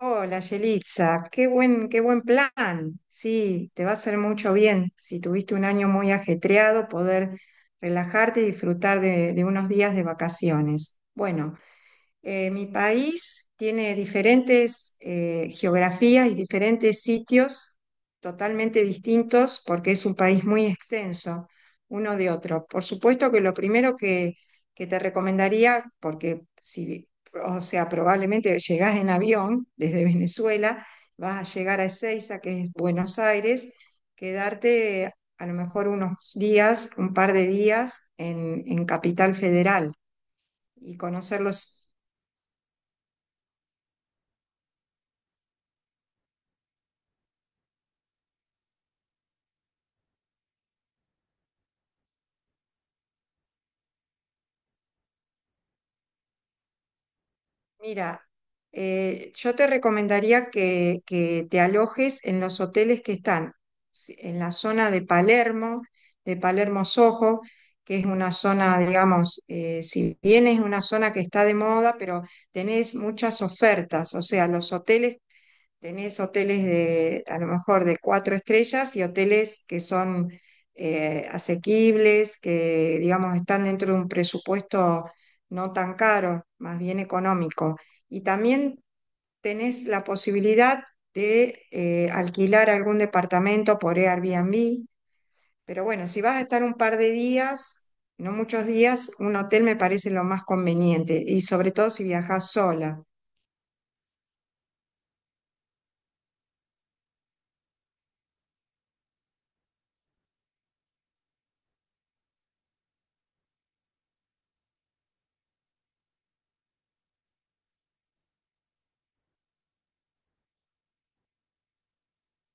Hola, Yelitza, qué buen plan. Sí, te va a hacer mucho bien. Si tuviste un año muy ajetreado, poder relajarte y disfrutar de unos días de vacaciones. Bueno, mi país tiene diferentes geografías y diferentes sitios totalmente distintos porque es un país muy extenso uno de otro. Por supuesto que lo primero que te recomendaría, porque si, o sea, probablemente llegás en avión desde Venezuela, vas a llegar a Ezeiza, que es Buenos Aires, quedarte a lo mejor unos días, un par de días en Capital Federal y conocer los. Mira, yo te recomendaría que te alojes en los hoteles que están en la zona de Palermo Soho, que es una zona, digamos, si bien es una zona que está de moda, pero tenés muchas ofertas, o sea, los hoteles. Tenés hoteles a lo mejor de cuatro estrellas y hoteles que son asequibles, que digamos están dentro de un presupuesto no tan caro, más bien económico. Y también tenés la posibilidad de alquilar algún departamento por Airbnb. Pero bueno, si vas a estar un par de días, no muchos días, un hotel me parece lo más conveniente y sobre todo si viajas sola.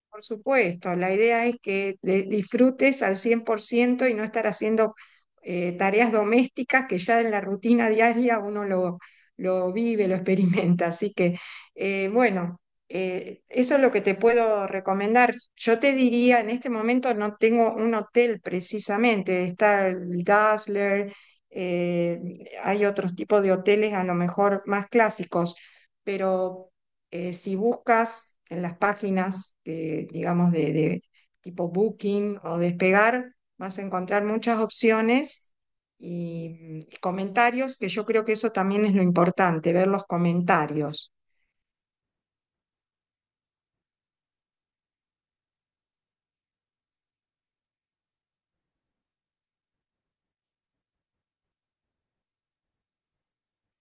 Por supuesto, la idea es que disfrutes al 100% y no estar haciendo tareas domésticas que ya en la rutina diaria uno lo vive, lo experimenta. Así que, bueno, eso es lo que te puedo recomendar. Yo te diría, en este momento no tengo un hotel precisamente, está el Dazzler, eh, hay otros tipos de hoteles a lo mejor más clásicos, pero... si buscas en las páginas, digamos, de tipo Booking o Despegar, vas a encontrar muchas opciones y comentarios, que yo creo que eso también es lo importante, ver los comentarios.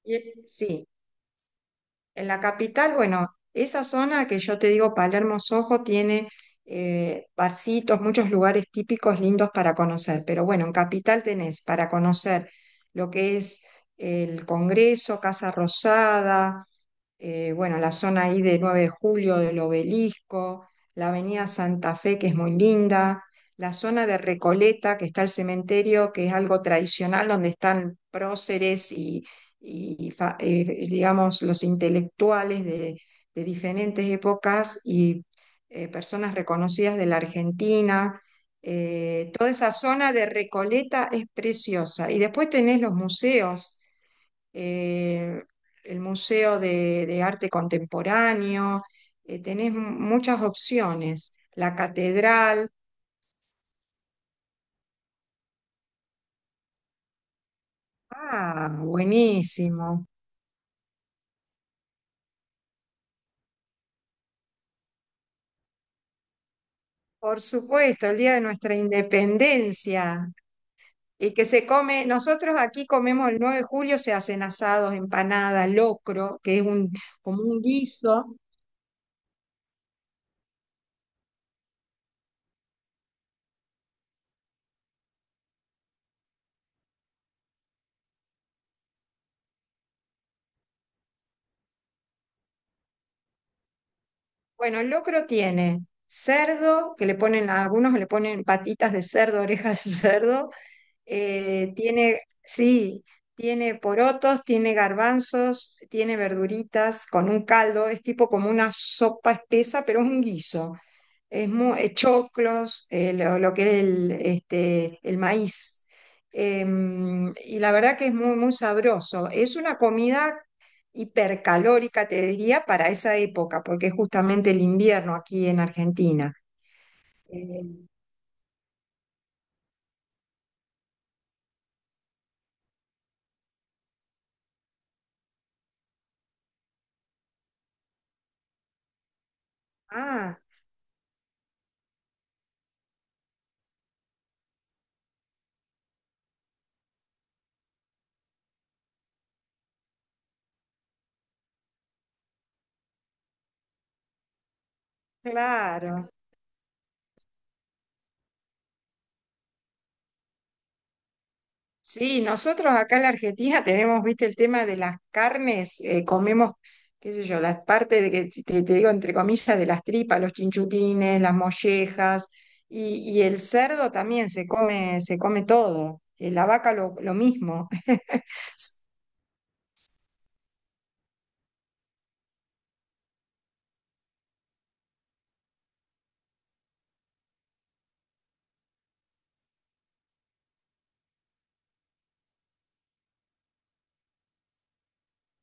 Sí, en la capital, bueno, esa zona que yo te digo, Palermo Soho, tiene barcitos, muchos lugares típicos lindos para conocer, pero bueno, en capital tenés para conocer lo que es el Congreso, Casa Rosada, bueno, la zona ahí de 9 de Julio, del Obelisco, la Avenida Santa Fe, que es muy linda, la zona de Recoleta, que está el cementerio, que es algo tradicional, donde están próceres y digamos, los intelectuales de diferentes épocas y personas reconocidas de la Argentina. Toda esa zona de Recoleta es preciosa. Y después tenés los museos eh, el Museo de Arte Contemporáneo, tenés muchas opciones. La catedral, ah, buenísimo. Por supuesto, el día de nuestra independencia. Y que se come, nosotros aquí comemos el 9 de julio, se hacen asados, empanada, locro, que es un, como un guiso. Bueno, el locro tiene cerdo, que le ponen, a algunos le ponen patitas de cerdo, orejas de cerdo. Tiene, sí, tiene porotos, tiene garbanzos, tiene verduritas con un caldo, es tipo como una sopa espesa, pero es un guiso. Choclos, lo que es el, este, el maíz. Y la verdad que es muy, muy sabroso. Es una comida hipercalórica, te diría, para esa época, porque es justamente el invierno aquí en Argentina. Em, ah, claro. Sí, nosotros acá en la Argentina tenemos, viste, el tema de las carnes, comemos, qué sé yo, las partes de que te digo entre comillas de las tripas, los chinchulines, las mollejas, y el cerdo también se come todo, la vaca lo mismo.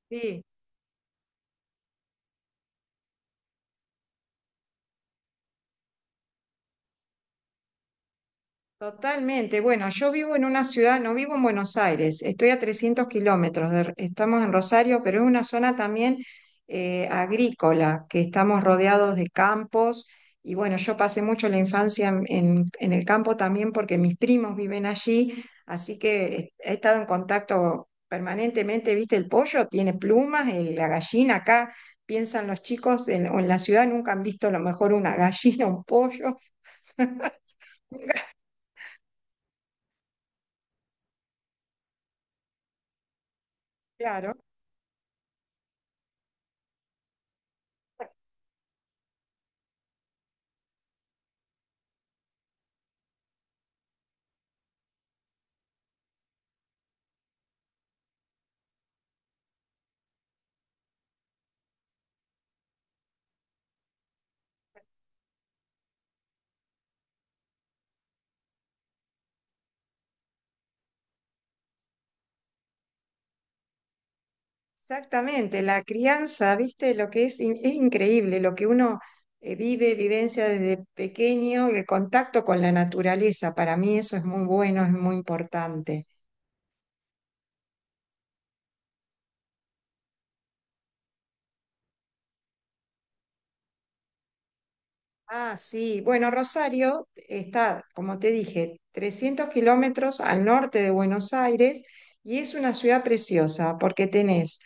Sí. Totalmente. Bueno, yo vivo en una ciudad, no vivo en Buenos Aires, estoy a 300 kilómetros, estamos en Rosario, pero es una zona también agrícola, que estamos rodeados de campos. Y bueno, yo pasé mucho la infancia en en el campo también porque mis primos viven allí, así que he estado en contacto permanentemente, ¿viste? El pollo tiene plumas, la gallina acá, piensan los chicos, en, o en la ciudad nunca han visto a lo mejor una gallina, un pollo, claro. Exactamente, la crianza, viste, lo que es, es increíble, lo que uno vive, vivencia desde pequeño, el contacto con la naturaleza, para mí eso es muy bueno, es muy importante. Ah, sí. Bueno, Rosario está, como te dije, 300 kilómetros al norte de Buenos Aires y es una ciudad preciosa porque tenés,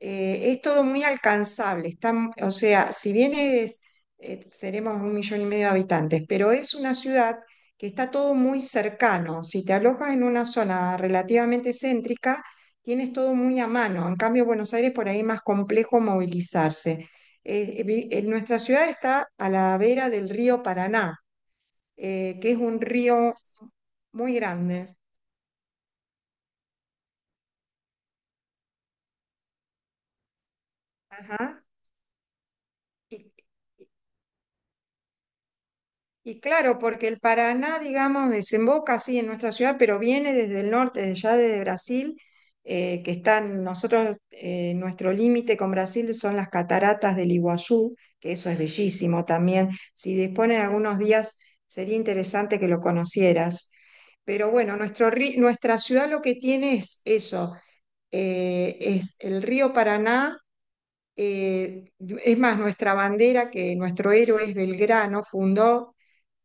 es todo muy alcanzable. Está, o sea, si bien es, seremos un millón y medio de habitantes, pero es una ciudad que está todo muy cercano. Si te alojas en una zona relativamente céntrica, tienes todo muy a mano. En cambio, Buenos Aires por ahí es más complejo movilizarse. En nuestra ciudad está a la vera del río Paraná, que es un río muy grande. Ajá. Y, y- claro, porque el Paraná, digamos, desemboca así en nuestra ciudad, pero viene desde el norte, desde ya desde Brasil, que están nosotros, nuestro límite con Brasil son las cataratas del Iguazú, que eso es bellísimo también. Si dispones de algunos días, sería interesante que lo conocieras. Pero bueno, nuestra ciudad lo que tiene es eso es el río Paraná, eh, es más, nuestra bandera, que nuestro héroe es Belgrano, fundó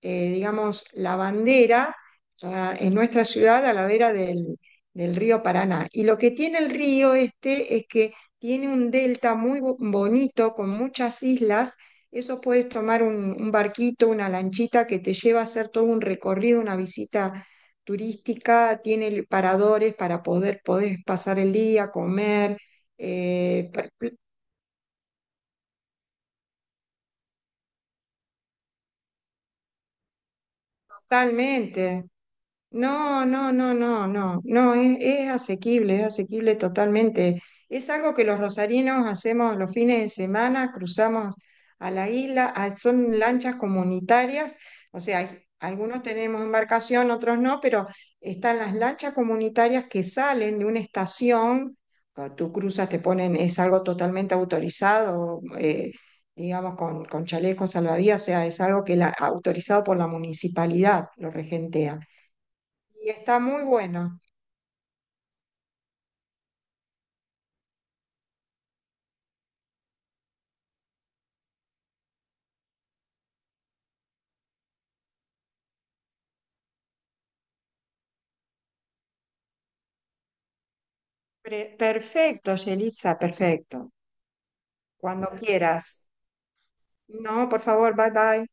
digamos, la bandera ah, en nuestra ciudad a la vera del río Paraná. Y lo que tiene el río este es que tiene un delta muy bonito con muchas islas. Eso puedes tomar un barquito, una lanchita que te lleva a hacer todo un recorrido, una visita turística. Tiene paradores para poder, poder pasar el día, comer. eh, per- totalmente. No, no, no, no, no, no, es asequible totalmente. Es algo que los rosarinos hacemos los fines de semana, cruzamos a la isla, ah, son lanchas comunitarias, o sea, algunos tenemos embarcación, otros no, pero están las lanchas comunitarias que salen de una estación, cuando tú cruzas, te ponen, es algo totalmente autorizado, digamos, con chalecos salvavidas, o sea, es algo que la, autorizado por la municipalidad, lo regentea. Y está muy bueno. Perfecto, Yelitza, perfecto. Cuando quieras. No, por favor, bye bye.